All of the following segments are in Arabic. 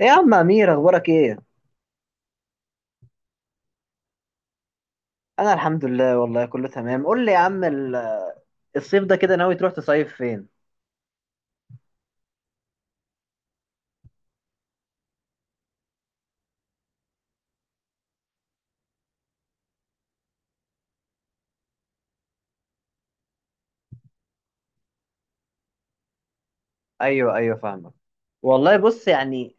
ايه يا عم امير اخبارك ايه؟ انا الحمد لله، والله كله تمام. قول لي يا عم الصيف ده كده ناوي تروح تصيف فين؟ ايوه ايوه، فاهمك. والله بص يعني،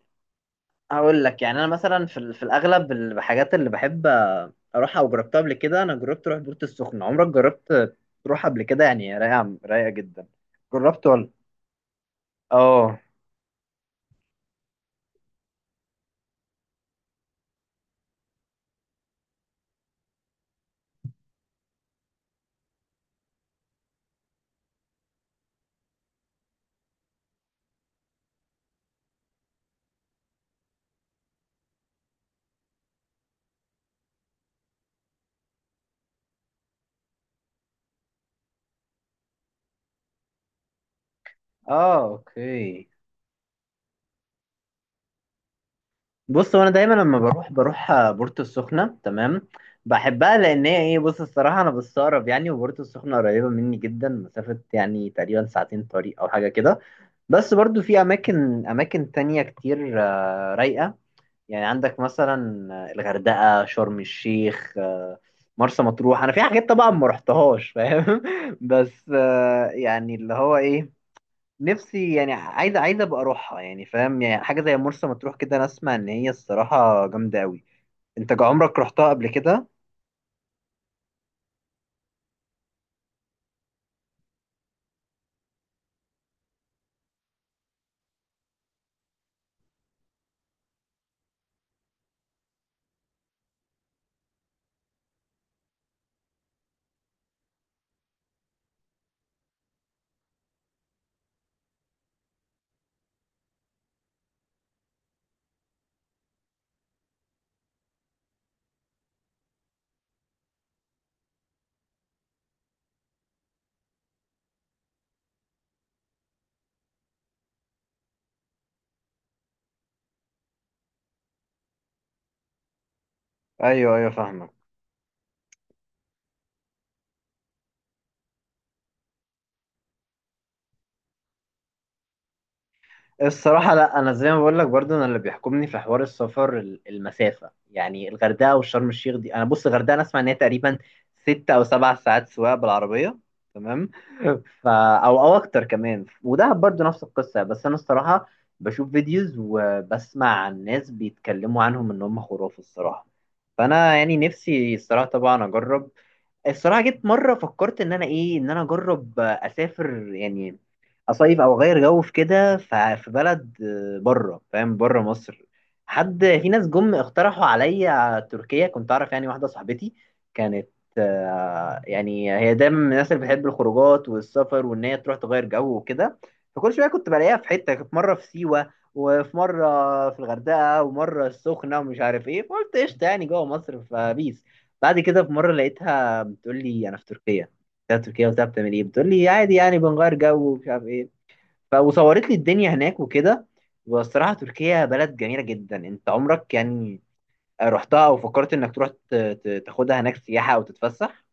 هقول لك يعني انا مثلا في الاغلب الحاجات اللي بحب اروحها او جربتها قبل كده. انا جربت اروح بورتو السخنه. عمرك جربت تروح قبل كده؟ يعني رايقه رايقه جدا. جربت ولا؟ اه اه، اوكي. بص، هو انا دايما لما بروح بورتو السخنه. تمام، بحبها لان هي ايه، بص الصراحه انا بستغرب يعني، وبورتو السخنه قريبه مني جدا، مسافه يعني تقريبا ساعتين طريق او حاجه كده. بس برضو في اماكن تانية كتير رايقه. يعني عندك مثلا الغردقه، شرم الشيخ، مرسى مطروح. انا في حاجات طبعا ما رحتهاش، فاهم؟ بس يعني اللي هو ايه، نفسي يعني عايزه عايزه ابقى اروحها، يعني فاهم؟ يعني حاجه زي مرسى مطروح كده، انا اسمع ان هي الصراحه جامده قوي. انت عمرك رحتها قبل كده؟ ايوه ايوه، فاهمك. الصراحة لا، أنا زي ما بقول لك، برضو أنا اللي بيحكمني في حوار السفر المسافة. يعني الغردقة والشرم الشيخ دي، أنا بص الغردقة أنا أسمع إن هي تقريبا 6 أو 7 ساعات سواقة بالعربية، تمام؟ ف أو أكتر كمان. ودهب برضو نفس القصة. بس أنا الصراحة بشوف فيديوز وبسمع عن ناس بيتكلموا عنهم إن هم خرافة الصراحة. فأنا يعني نفسي الصراحة طبعا أجرب. الصراحة جيت مرة فكرت إن أنا إيه، إن أنا أجرب أسافر يعني، اصيف او اغير جو في كده. في بلد بره، فاهم؟ بره مصر. حد في ناس جم اقترحوا عليا تركيا. كنت اعرف يعني واحده صاحبتي كانت يعني هي دايما من الناس اللي بتحب الخروجات والسفر، وان هي تروح تغير جو وكده. فكل شويه كنت بلاقيها في حته، كانت مره في سيوه، وفي مره في الغردقه، ومره السخنه، ومش عارف ايه. فقلت قشطه يعني، جوه مصر فبيس. بعد كده في مره لقيتها بتقول لي انا في تركيا. قلت لها تركيا وبتاع، بتعمل ايه؟ بتقول لي عادي يعني، بنغير جو ومش عارف ايه. وصورت لي الدنيا هناك وكده. والصراحة تركيا بلد جميلة جدا. انت عمرك يعني رحتها او فكرت انك تروح تاخدها هناك سياحة او تتفسح؟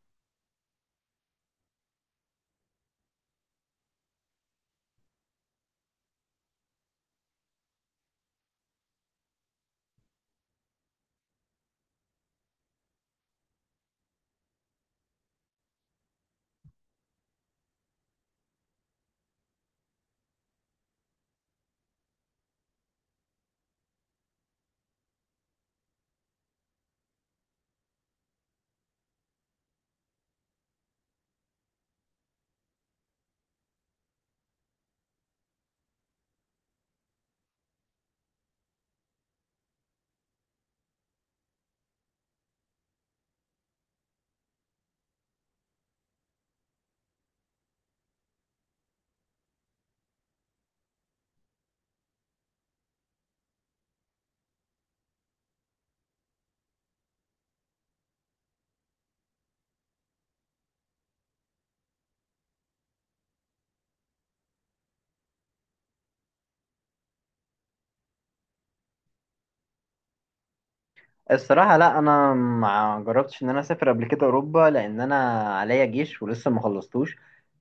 الصراحة لا، أنا ما جربتش إن أنا أسافر قبل كده أوروبا، لأن أنا عليا جيش ولسه ما خلصتوش،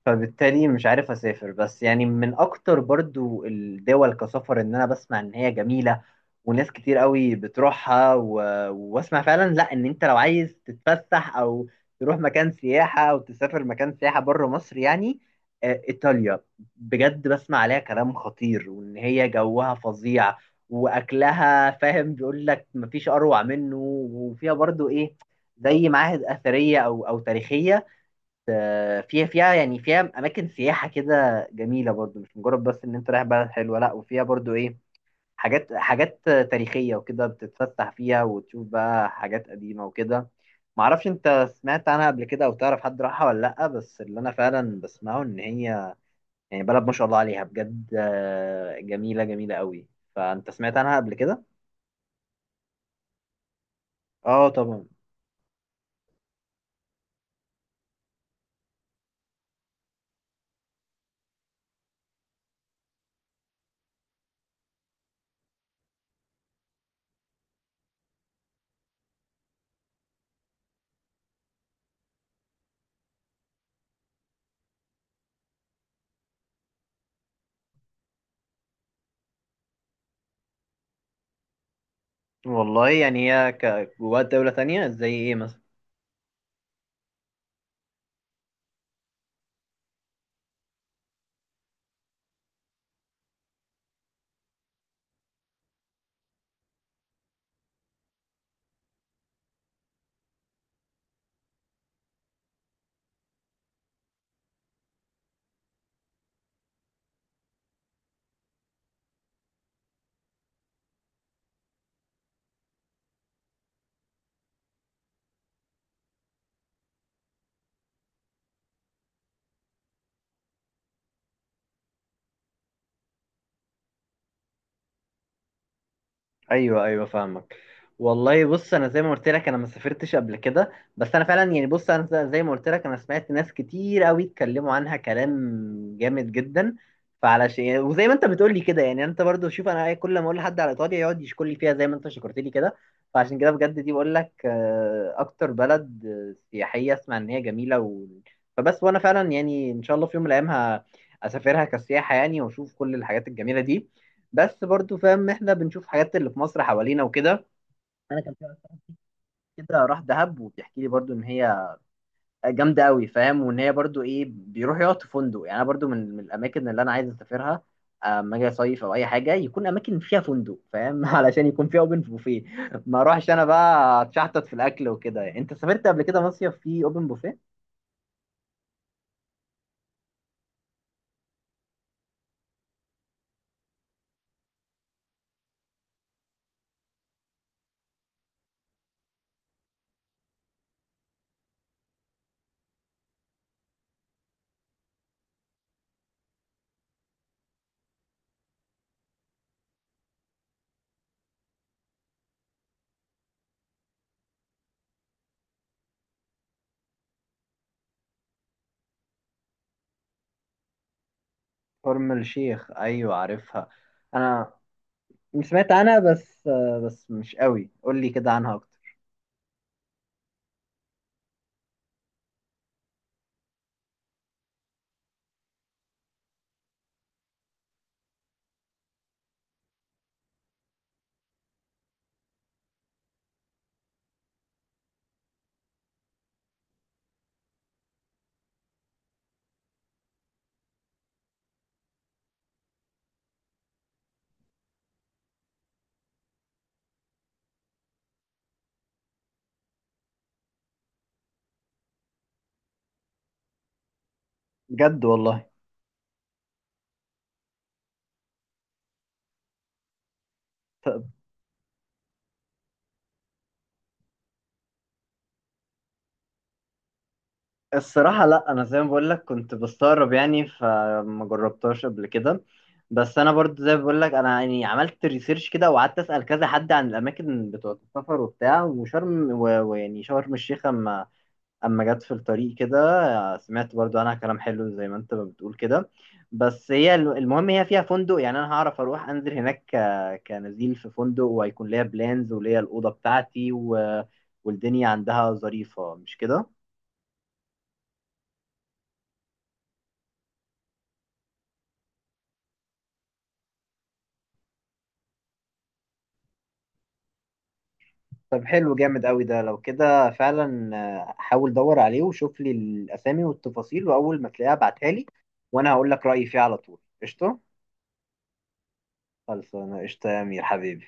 فبالتالي مش عارف أسافر. بس يعني من أكتر برضو الدول كسفر إن أنا بسمع إن هي جميلة وناس كتير قوي بتروحها، و... وأسمع فعلا، لا، إن أنت لو عايز تتفسح أو تروح مكان سياحة أو تسافر مكان سياحة بره مصر يعني، إيطاليا. بجد بسمع عليها كلام خطير، وإن هي جوها فظيع، واكلها فاهم بيقول لك مفيش اروع منه. وفيها برضو ايه، زي معاهد اثريه او تاريخيه. فيها يعني فيها اماكن سياحه كده جميله. برضو مش مجرد بس ان انت رايح بلد حلوه، لا، وفيها برضو ايه، حاجات تاريخيه وكده، بتتفسح فيها وتشوف بقى حاجات قديمه وكده. معرفش انت سمعت عنها قبل كده او تعرف حد راحها ولا لا، بس اللي انا فعلا بسمعه ان هي يعني بلد ما شاء الله عليها بجد، جميله جميله قوي. فانت سمعت عنها قبل كده؟ اه طبعا. والله يعني هي جواها دولة تانية زي ايه؟ ايوه ايوه، فاهمك. والله بص، انا زي ما قلت لك انا ما سافرتش قبل كده، بس انا فعلا يعني بص، انا زي ما قلت لك انا سمعت ناس كتير قوي اتكلموا عنها كلام جامد جدا. فعلى شيء، وزي ما انت بتقول لي كده، يعني انت برضو شوف، انا كل ما اقول لحد على ايطاليا يقعد يشكر لي فيها زي ما انت شكرت لي كده. فعشان كده بجد دي بقول لك اكتر بلد سياحيه اسمع ان هي جميله، و... فبس، وانا فعلا يعني ان شاء الله في يوم من الايام اسافرها كسياحه يعني، واشوف كل الحاجات الجميله دي. بس برضو فاهم، احنا بنشوف حاجات اللي في مصر حوالينا وكده. انا كان في واحد صاحبي كده راح دهب وبيحكي لي برضو ان هي جامده قوي، فاهم؟ وان هي برضو ايه، بيروح يقعد في فندق. يعني انا برضو من الاماكن اللي انا عايز اسافرها اما اجي اصيف او اي حاجه، يكون اماكن فيها فندق، فاهم؟ علشان يكون فيها اوبن بوفيه، ما اروحش انا بقى اتشحطط في الاكل وكده. يعني انت سافرت قبل كده مصيف فيه اوبن بوفيه؟ شرم الشيخ ايوه عارفها. انا سمعت عنها بس، بس مش قوي، قول لي كده عنها اكتر. بجد والله. الصراحة لا، أنا زي ما بقول لك كنت بستغرب يعني، فما جربتهاش قبل كده. بس أنا برضو زي ما بقول لك، أنا يعني عملت ريسيرش كده، وقعدت أسأل كذا حد عن الأماكن بتوع السفر وبتاع، وشرم ويعني شرم الشيخ أما جت في الطريق كده سمعت برضو عنها كلام حلو زي ما أنت ما بتقول كده. بس هي المهم هي فيها فندق، يعني أنا هعرف أروح أنزل هناك كنزيل في فندق، وهيكون ليا بلانز وليا الأوضة بتاعتي و... والدنيا عندها ظريفة، مش كده؟ طب حلو، جامد قوي ده لو كده فعلا. حاول دور عليه وشوف لي الاسامي والتفاصيل، واول ما تلاقيها ابعتها لي، وانا هقول لك رايي فيه على طول، قشطه. خلصانه، قشطه يا امير حبيبي.